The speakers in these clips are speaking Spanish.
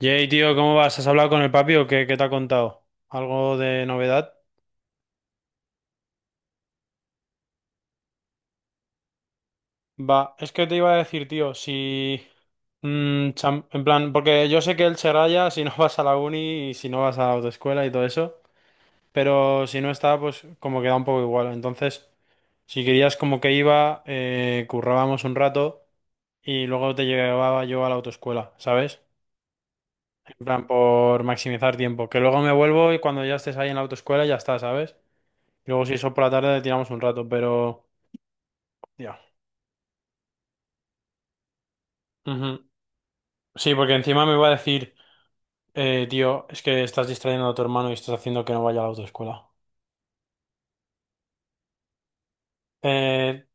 Jay, tío, ¿cómo vas? ¿Has hablado con el papi o qué, qué te ha contado? ¿Algo de novedad? Va, es que te iba a decir, tío, si... en plan, porque yo sé que él se raya si no vas a la uni y si no vas a la autoescuela y todo eso, pero si no está, pues como queda un poco igual. Entonces, si querías como que iba, currábamos un rato y luego te llevaba yo a la autoescuela, ¿sabes? En plan, por maximizar tiempo. Que luego me vuelvo y cuando ya estés ahí en la autoescuela ya está, ¿sabes? Luego, si eso por la tarde, tiramos un rato, pero. Ya. Ujú. Sí, porque encima me va a decir, tío, es que estás distrayendo a tu hermano y estás haciendo que no vaya a la autoescuela. Eh,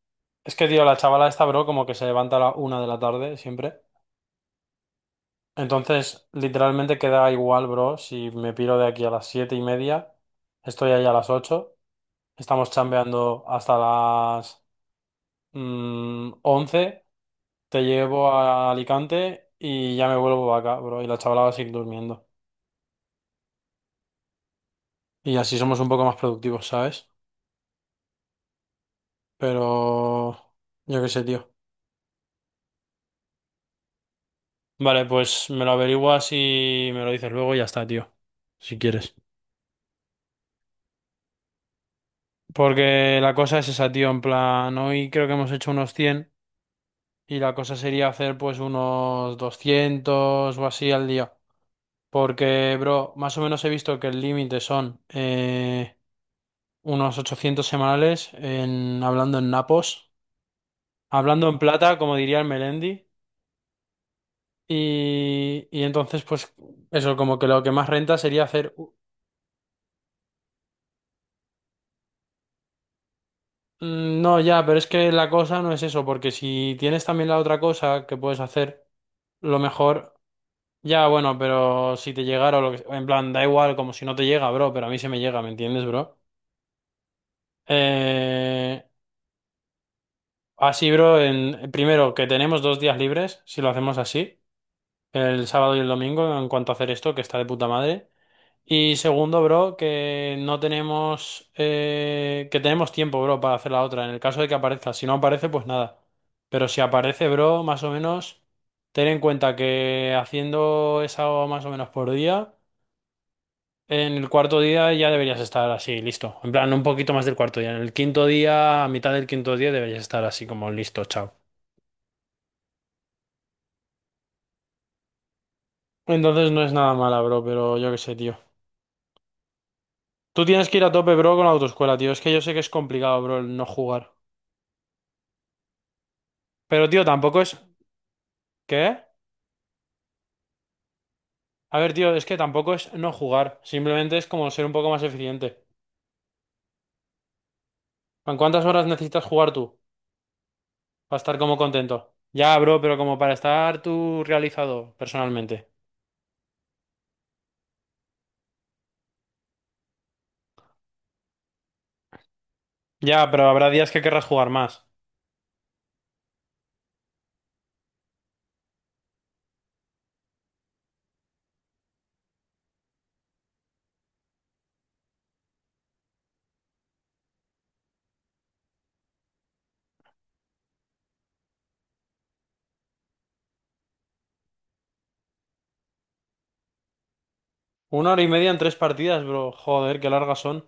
es que, tío, la chavala esta, bro, como que se levanta a la 1 de la tarde siempre. Entonces, literalmente queda igual, bro, si me piro de aquí a las 7:30, estoy ahí a las 8, estamos chambeando hasta las 11, te llevo a Alicante y ya me vuelvo acá, bro, y la chavala va a seguir durmiendo. Y así somos un poco más productivos, ¿sabes? Pero yo qué sé, tío. Vale, pues me lo averiguas y me lo dices luego y ya está, tío. Si quieres. Porque la cosa es esa, tío, en plan, hoy creo que hemos hecho unos 100 y la cosa sería hacer pues unos 200 o así al día. Porque, bro, más o menos he visto que el límite son unos 800 semanales en, hablando en napos. Hablando en plata, como diría el Melendi. Y entonces, pues eso, como que lo que más renta sería hacer... no, ya, pero es que la cosa no es eso, porque si tienes también la otra cosa que puedes hacer, lo mejor... Ya, bueno, pero si te llegara o lo que... En plan, da igual, como si no te llega, bro, pero a mí se me llega, ¿me entiendes, bro? Eh, así, bro, primero que tenemos dos días libres, si lo hacemos así, el sábado y el domingo, en cuanto a hacer esto, que está de puta madre. Y segundo, bro, que no tenemos, que tenemos tiempo, bro, para hacer la otra, en el caso de que aparezca. Si no aparece, pues nada. Pero si aparece, bro, más o menos, ten en cuenta que haciendo esa más o menos por día, en el cuarto día ya deberías estar así, listo. En plan, un poquito más del cuarto día. En el quinto día, a mitad del quinto día, deberías estar así como listo, chao. Entonces no es nada mala, bro, pero yo qué sé, tío. Tú tienes que ir a tope, bro, con la autoescuela, tío. Es que yo sé que es complicado, bro, el no jugar. Pero, tío, tampoco es. ¿Qué? A ver, tío, es que tampoco es no jugar, simplemente es como ser un poco más eficiente. ¿En cuántas horas necesitas jugar tú para estar como contento? Ya, bro, pero como para estar tú realizado personalmente. Ya, pero habrá días que querrás jugar más. Una hora y media en tres partidas, bro. Joder, qué largas son.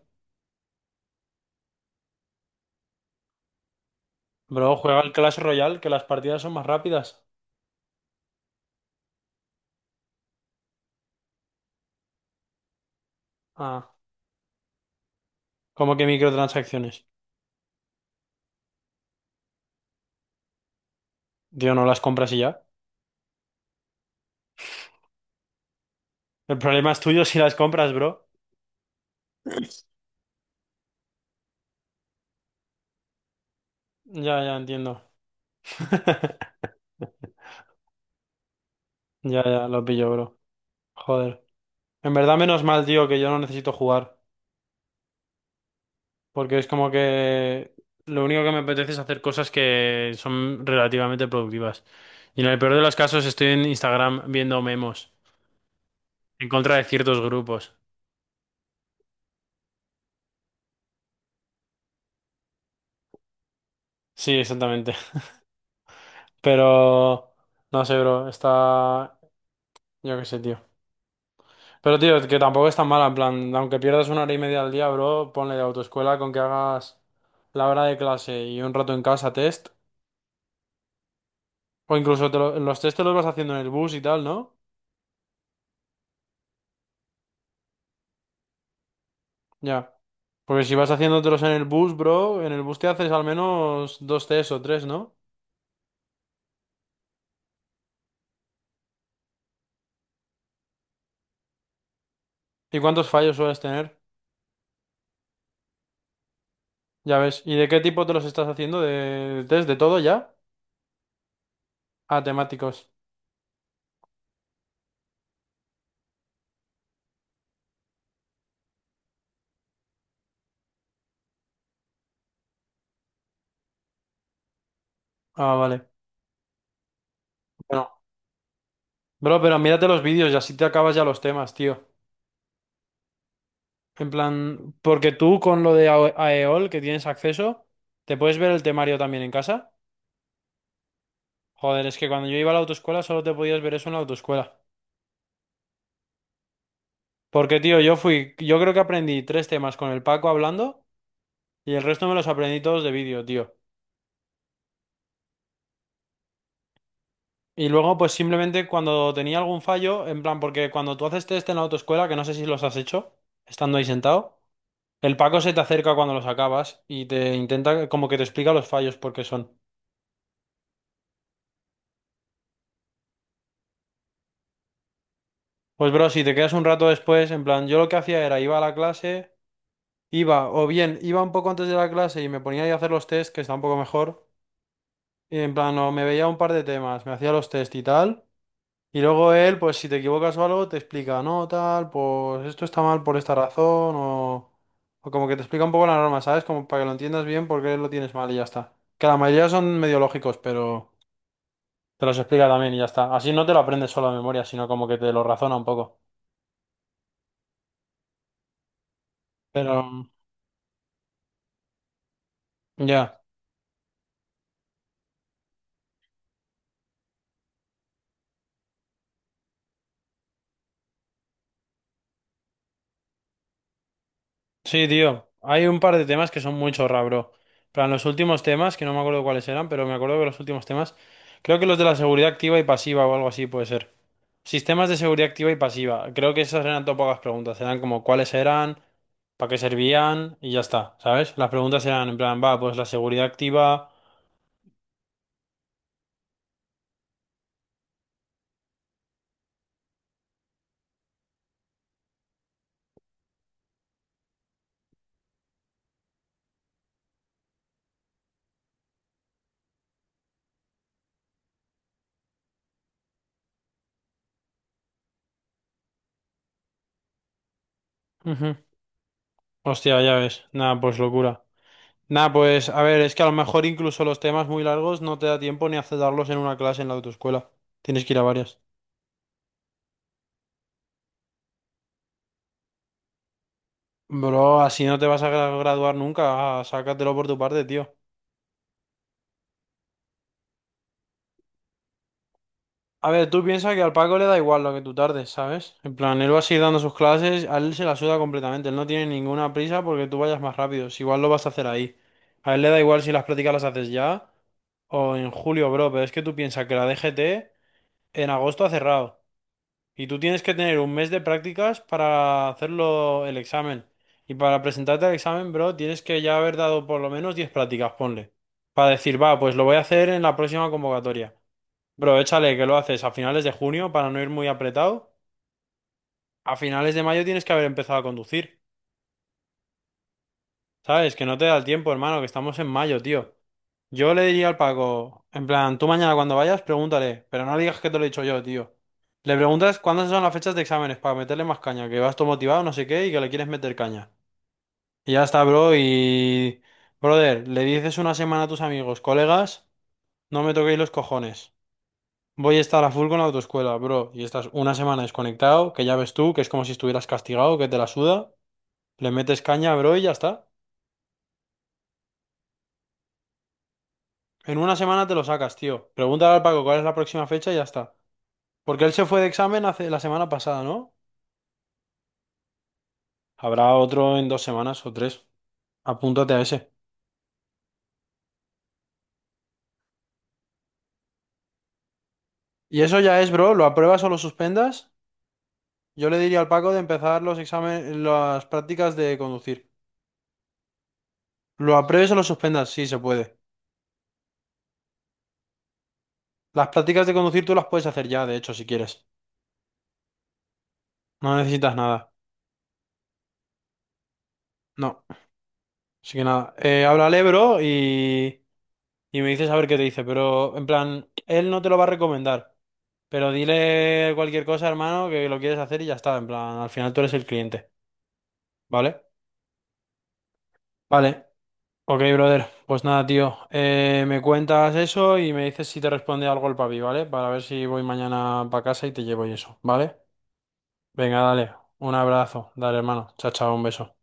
Bro, juega el Clash Royale, que las partidas son más rápidas. Ah, como que microtransacciones. Tío, no las compras y ya. El problema es tuyo si las compras, bro. Ya, ya, entiendo. Ya, ya, lo pillo, bro. Joder. En verdad, menos mal, tío, que yo no necesito jugar. Porque es como que lo único que me apetece es hacer cosas que son relativamente productivas. Y en el peor de los casos estoy en Instagram viendo memos en contra de ciertos grupos. Sí, exactamente. Pero no sé, bro, está... Yo qué sé, tío. Pero, tío, que tampoco es tan mala, en plan, aunque pierdas una hora y media al día, bro, ponle de autoescuela con que hagas la hora de clase y un rato en casa test. O incluso los test te los vas haciendo en el bus y tal, ¿no? Ya. Porque si vas haciéndotelos en el bus, bro, en el bus te haces al menos dos test o tres, ¿no? ¿Y cuántos fallos sueles tener? Ya ves. ¿Y de qué tipo te los estás haciendo? ¿De test? ¿De todo ya? Ah, temáticos. Ah, vale. Bueno. Bro, pero mírate los vídeos y así te acabas ya los temas, tío. En plan, porque tú con lo de AEOL que tienes acceso, ¿te puedes ver el temario también en casa? Joder, es que cuando yo iba a la autoescuela solo te podías ver eso en la autoescuela. Porque, tío, yo fui, yo creo que aprendí tres temas con el Paco hablando. Y el resto me los aprendí todos de vídeo, tío. Y luego, pues simplemente cuando tenía algún fallo, en plan, porque cuando tú haces test en la autoescuela, que no sé si los has hecho, estando ahí sentado, el Paco se te acerca cuando los acabas y te intenta, como que te explica los fallos porque son. Pues bro, si te quedas un rato después, en plan, yo lo que hacía era iba a la clase, o bien iba un poco antes de la clase y me ponía ahí a hacer los test, que está un poco mejor, y en plan, o me veía un par de temas, me hacía los test y tal. Y luego él, pues si te equivocas o algo, te explica, no, tal, pues esto está mal por esta razón, o como que te explica un poco la norma, ¿sabes? Como para que lo entiendas bien porque lo tienes mal y ya está. Que la mayoría son medio lógicos, pero te los explica también y ya está. Así no te lo aprendes solo a memoria, sino como que te lo razona un poco. Pero, ya. Sí, tío. Hay un par de temas que son muy chorra, bro. Plan, los últimos temas, que no me acuerdo cuáles eran, pero me acuerdo que los últimos temas, creo que los de la seguridad activa y pasiva o algo así puede ser. Sistemas de seguridad activa y pasiva. Creo que esas eran todo pocas preguntas. Eran como cuáles eran, para qué servían y ya está, ¿sabes? Las preguntas eran en plan, va, pues la seguridad activa. Ujú. Hostia, ya ves. Nada, pues locura. Nada, pues a ver, es que a lo mejor incluso los temas muy largos no te da tiempo ni a darlos en una clase en la autoescuela. Tienes que ir a varias. Bro, así no te vas a graduar nunca, ah, sácatelo por tu parte, tío. A ver, tú piensas que al Paco le da igual lo que tú tardes, ¿sabes? En plan, él va a seguir dando sus clases, a él se la suda completamente, él no tiene ninguna prisa porque tú vayas más rápido, si igual lo vas a hacer ahí. A él le da igual si las prácticas las haces ya o en julio, bro, pero es que tú piensas que la DGT en agosto ha cerrado. Y tú tienes que tener un mes de prácticas para hacerlo el examen. Y para presentarte al examen, bro, tienes que ya haber dado por lo menos 10 prácticas, ponle. Para decir, va, pues lo voy a hacer en la próxima convocatoria. Bro, échale que lo haces a finales de junio para no ir muy apretado. A finales de mayo tienes que haber empezado a conducir. ¿Sabes? Que no te da el tiempo, hermano, que estamos en mayo, tío. Yo le diría al Paco, en plan, tú mañana cuando vayas, pregúntale, pero no le digas que te lo he dicho yo, tío. Le preguntas cuándo son las fechas de exámenes para meterle más caña, que vas todo motivado, no sé qué, y que le quieres meter caña. Y ya está, bro, y... Brother, le dices una semana a tus amigos, colegas, no me toquéis los cojones. Voy a estar a full con la autoescuela, bro, y estás una semana desconectado, que ya ves tú, que es como si estuvieras castigado, que te la suda, le metes caña, bro, y ya está. En una semana te lo sacas, tío. Pregúntale al Paco cuál es la próxima fecha y ya está. Porque él se fue de examen hace la semana pasada, ¿no? Habrá otro en dos semanas o tres. Apúntate a ese. Y eso ya es, bro. ¿Lo apruebas o lo suspendas? Yo le diría al Paco de empezar los exámenes, las prácticas de conducir. ¿Lo apruebes o lo suspendas? Sí, se puede. Las prácticas de conducir tú las puedes hacer ya, de hecho, si quieres. No necesitas nada. No. Así que nada. Háblale, bro, y me dices a ver qué te dice. Pero, en plan, él no te lo va a recomendar. Pero dile cualquier cosa, hermano, que lo quieres hacer y ya está. En plan, al final tú eres el cliente, ¿vale? Vale. Ok, brother. Pues nada, tío. Me cuentas eso y me dices si te responde algo el papi, ¿vale? Para ver si voy mañana para casa y te llevo y eso, ¿vale? Venga, dale. Un abrazo. Dale, hermano. Chao, chao. Un beso.